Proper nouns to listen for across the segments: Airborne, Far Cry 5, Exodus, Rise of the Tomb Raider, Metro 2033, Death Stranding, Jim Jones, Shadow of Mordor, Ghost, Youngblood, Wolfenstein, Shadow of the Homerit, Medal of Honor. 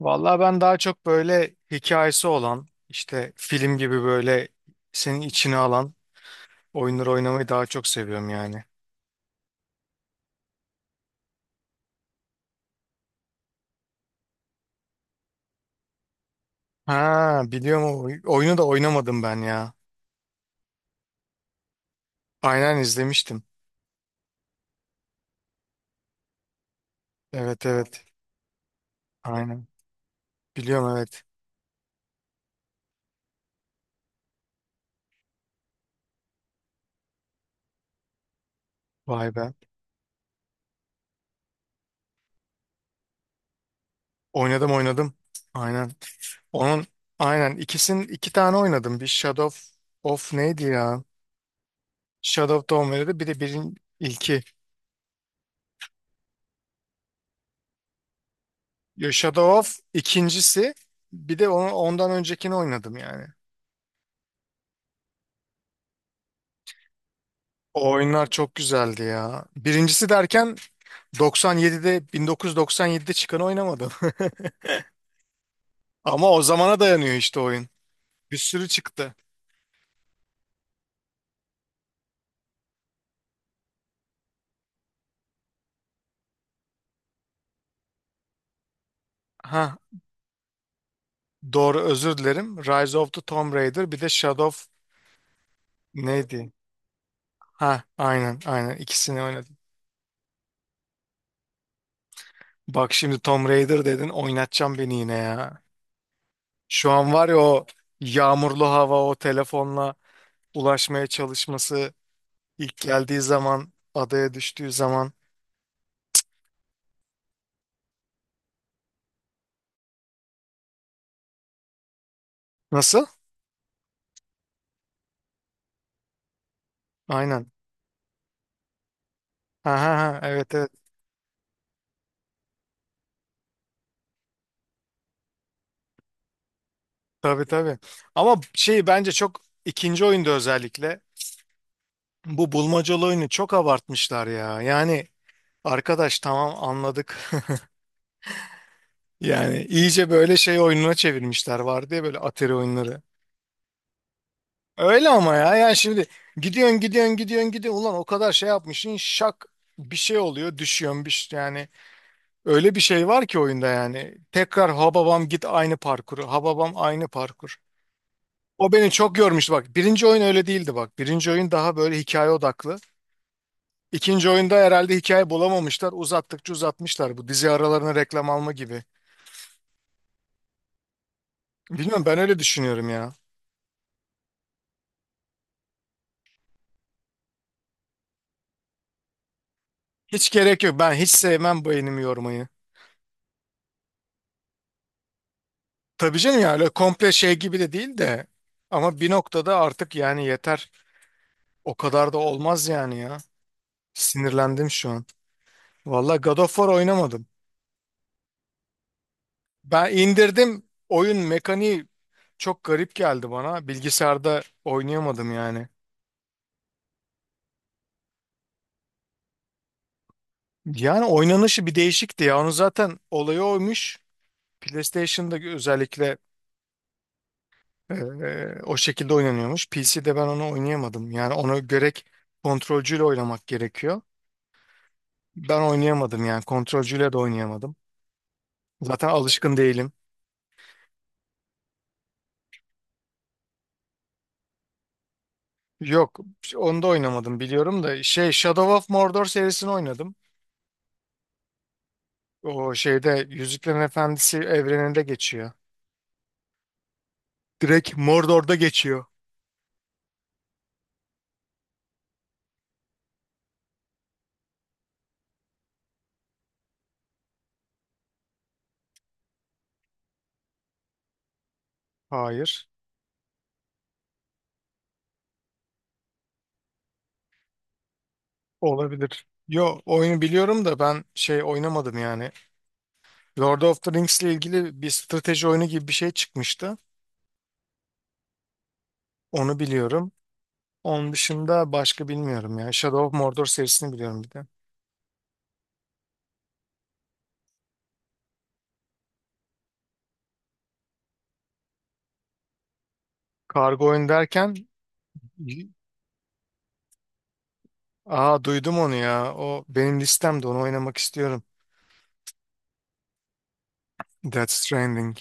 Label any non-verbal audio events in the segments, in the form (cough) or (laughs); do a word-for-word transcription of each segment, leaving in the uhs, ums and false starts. Vallahi ben daha çok böyle hikayesi olan, işte film gibi böyle senin içine alan oyunları oynamayı daha çok seviyorum yani. Ha, biliyorum, o oy- oyunu da oynamadım ben ya. Aynen, izlemiştim. Evet, evet. Aynen. Biliyorum, evet. Vay be. Oynadım, oynadım. Aynen. Onun aynen ikisinin, iki tane oynadım. Bir Shadow of of neydi ya? Shadow of the Homerit'e, bir de birin ilki. Ya Shadow of ikincisi. Bir de onu, ondan öncekini oynadım yani. O oyunlar çok güzeldi ya. Birincisi derken doksan yedide bin dokuz yüz doksan yedide çıkanı oynamadım. (laughs) Ama o zamana dayanıyor işte oyun. Bir sürü çıktı. Ha, doğru, özür dilerim. Rise of the Tomb Raider, bir de Shadow of neydi? Ha, aynen, aynen ikisini oynadım. Bak şimdi Tomb Raider dedin, oynatacağım beni yine ya. Şu an var ya, o yağmurlu hava, o telefonla ulaşmaya çalışması, ilk geldiği zaman, adaya düştüğü zaman. Nasıl? Aynen. Ha, ha, ha, evet, evet, tabii, tabii. Ama şey, bence çok ikinci oyunda özellikle bu bulmacalı oyunu çok abartmışlar ya. Yani arkadaş, tamam, anladık. (laughs) Yani iyice böyle şey oyununa çevirmişler, var diye böyle, Atari oyunları. Öyle, ama ya yani şimdi gidiyorsun, gidiyorsun, gidiyorsun, gidiyorsun, ulan o kadar şey yapmışsın, şak bir şey oluyor, düşüyorsun, bir şey- yani öyle bir şey var ki oyunda, yani tekrar hababam git aynı parkuru, hababam aynı parkur. O beni çok yormuştu bak. Birinci oyun öyle değildi bak. Birinci oyun daha böyle hikaye odaklı. İkinci oyunda herhalde hikaye bulamamışlar. Uzattıkça uzatmışlar. Bu, dizi aralarına reklam alma gibi. Bilmiyorum, ben öyle düşünüyorum ya. Hiç gerek yok. Ben hiç sevmem beynimi yormayı. Tabii canım, ya öyle komple şey gibi de değil de. Ama bir noktada artık yani yeter. O kadar da olmaz yani ya. Sinirlendim şu an. Vallahi God of War oynamadım. Ben indirdim. Oyun mekaniği çok garip geldi bana. Bilgisayarda oynayamadım yani. Yani oynanışı bir değişikti ya. Onu zaten olayı oymuş. PlayStation'da özellikle e, o şekilde oynanıyormuş. P C'de ben onu oynayamadım. Yani onu gerek kontrolcüyle oynamak gerekiyor. Ben oynayamadım yani, kontrolcüyle de oynayamadım. Zaten alışkın değilim. Yok, onu da oynamadım, biliyorum da, şey, Shadow of Mordor serisini oynadım. O şeyde Yüzüklerin Efendisi evreninde geçiyor. Direkt Mordor'da geçiyor. Hayır. Olabilir. Yo, oyunu biliyorum da, ben şey oynamadım yani. Lord of the Rings ile ilgili bir strateji oyunu gibi bir şey çıkmıştı. Onu biliyorum. Onun dışında başka bilmiyorum ya. Shadow of Mordor serisini biliyorum bir de. Kargo oyun derken? Aa, duydum onu ya. O benim listemde, onu oynamak istiyorum. Death Stranding.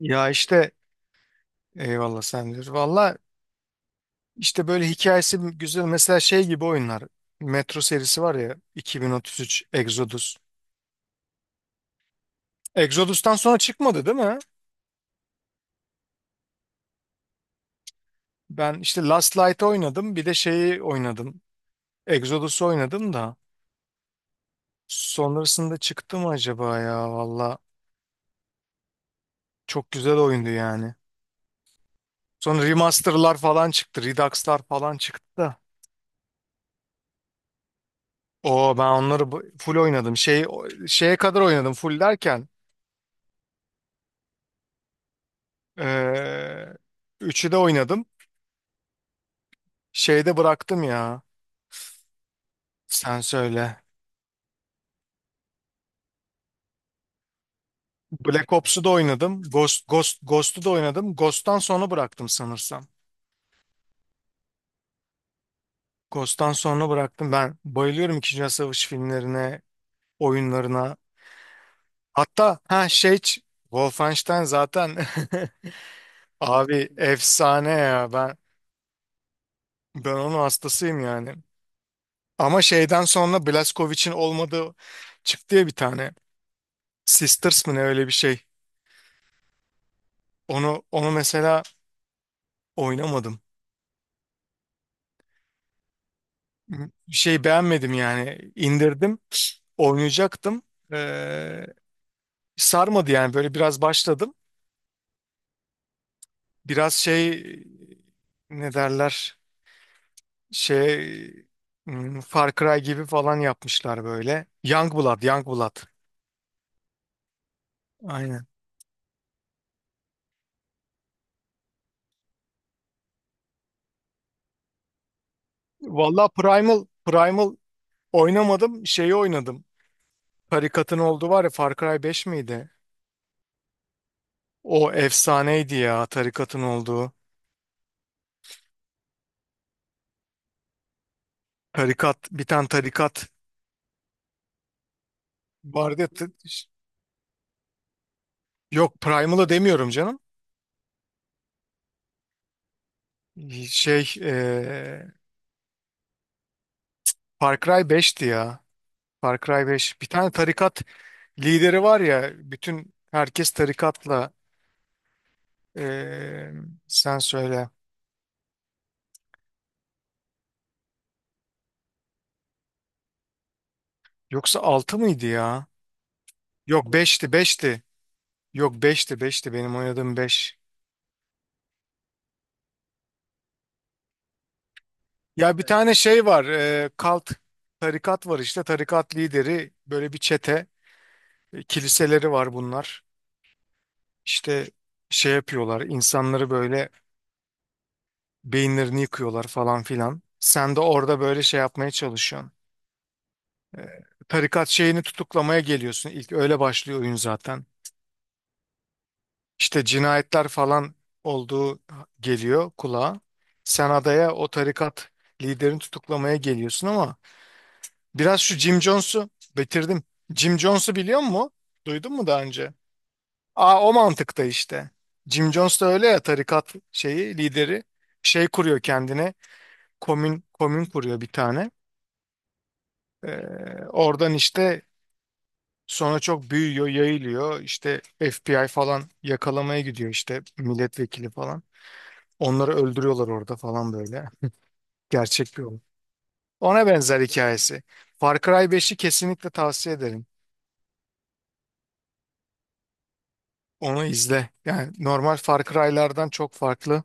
Ya işte, eyvallah, sen diyor. Valla işte böyle hikayesi güzel. Mesela şey gibi oyunlar. Metro serisi var ya, iki bin otuz üç Exodus. Exodus'tan sonra çıkmadı değil mi? Ben işte Last Light'ı oynadım. Bir de şeyi oynadım. Exodus'u oynadım da. Sonrasında çıktı mı acaba ya? Valla çok güzel oyundu yani. Sonra remaster'lar falan çıktı. Redux'lar falan çıktı da. O, ben onları bu- full oynadım. Şey, şeye kadar oynadım full derken. eee Üçü de oynadım. Şeyde bıraktım ya. Sen söyle. Black Ops'u da oynadım. Ghost, Ghost, Ghost'u da oynadım. Ghost'tan sonra bıraktım sanırsam. Ghost'tan sonra bıraktım. Ben bayılıyorum İkinci Dünya Savaşı filmlerine, oyunlarına. Hatta, ha şey, ç- Wolfenstein zaten. (laughs) Abi efsane ya. Ben ben onun hastasıyım yani. Ama şeyden sonra Blazkowicz'in olmadığı çıktı ya bir tane. Sisters mı ne, öyle bir şey. Onu onu mesela oynamadım. Bir şey beğenmedim yani. İndirdim. Oynayacaktım. Ee, Sarmadı yani, böyle biraz başladım. Biraz şey, ne derler, şey, hmm, Far Cry gibi falan yapmışlar böyle. Youngblood, Youngblood. Aynen. Valla Primal, Primal oynamadım. Şeyi oynadım. Tarikatın olduğu var ya, Far Cry beş miydi? O efsaneydi ya, tarikatın olduğu. Tarikat, bir tane tarikat vardı. Ya, t- yok, Primal'ı demiyorum canım. Şey, e, Far Cry beşti ya. Far Cry beş. Bir tane tarikat lideri var ya, bütün herkes tarikatla. eee, Sen söyle. Yoksa altı mıydı ya? Yok, beşti, beşti. Yok, beşti, beşti. Benim oynadığım beş. Ya bir, evet, tane şey var, eee kalt tarikat var, işte tarikat lideri böyle bir çete, e, kiliseleri var bunlar. İşte şey yapıyorlar insanları, böyle beyinlerini yıkıyorlar falan filan. Sen de orada böyle şey yapmaya çalışıyorsun. Tarikat şeyini tutuklamaya geliyorsun. İlk öyle başlıyor oyun zaten. İşte cinayetler falan olduğu geliyor kulağa. Sen adaya o tarikat liderini tutuklamaya geliyorsun, ama biraz şu Jim Jones'u bitirdim. Jim Jones'u biliyor musun? Duydun mu daha önce? Aa, o mantıkta işte. Jim Jones da öyle ya, tarikat şeyi lideri, şey kuruyor kendine. Komün komün kuruyor bir tane. Ee, Oradan işte sonra çok büyüyor, yayılıyor. İşte F B I falan yakalamaya gidiyor, işte milletvekili falan. Onları öldürüyorlar orada falan, böyle. Gerçek bir olay. Ona benzer hikayesi. Far Cry beşi kesinlikle tavsiye ederim. Onu izle. Yani normal Far Cry'lardan çok farklı,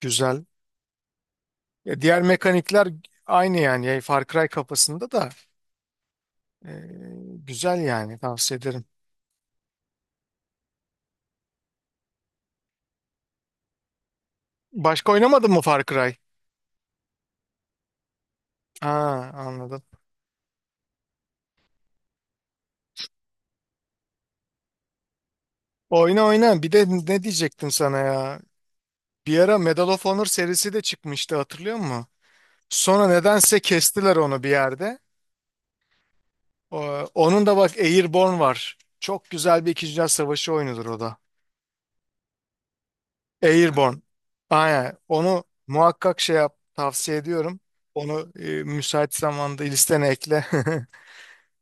güzel. Ya diğer mekanikler aynı yani. Yani Far Cry kafasında da e, güzel yani, tavsiye ederim. Başka oynamadın mı Far Cry? Aa, anladım. Oyna, oyna. Bir de ne diyecektim sana ya? Bir ara Medal of Honor serisi de çıkmıştı, hatırlıyor musun? Sonra nedense kestiler onu bir yerde. O- Onun da bak, Airborne var. Çok güzel bir İkinci Dünya Savaşı oyunudur o da. Airborne. Aynen. Onu muhakkak şey yap. Tavsiye ediyorum. Onu, e, müsait zamanda listene ekle.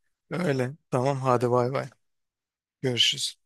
(laughs) Öyle. Tamam, hadi, bay bay. Görüşürüz.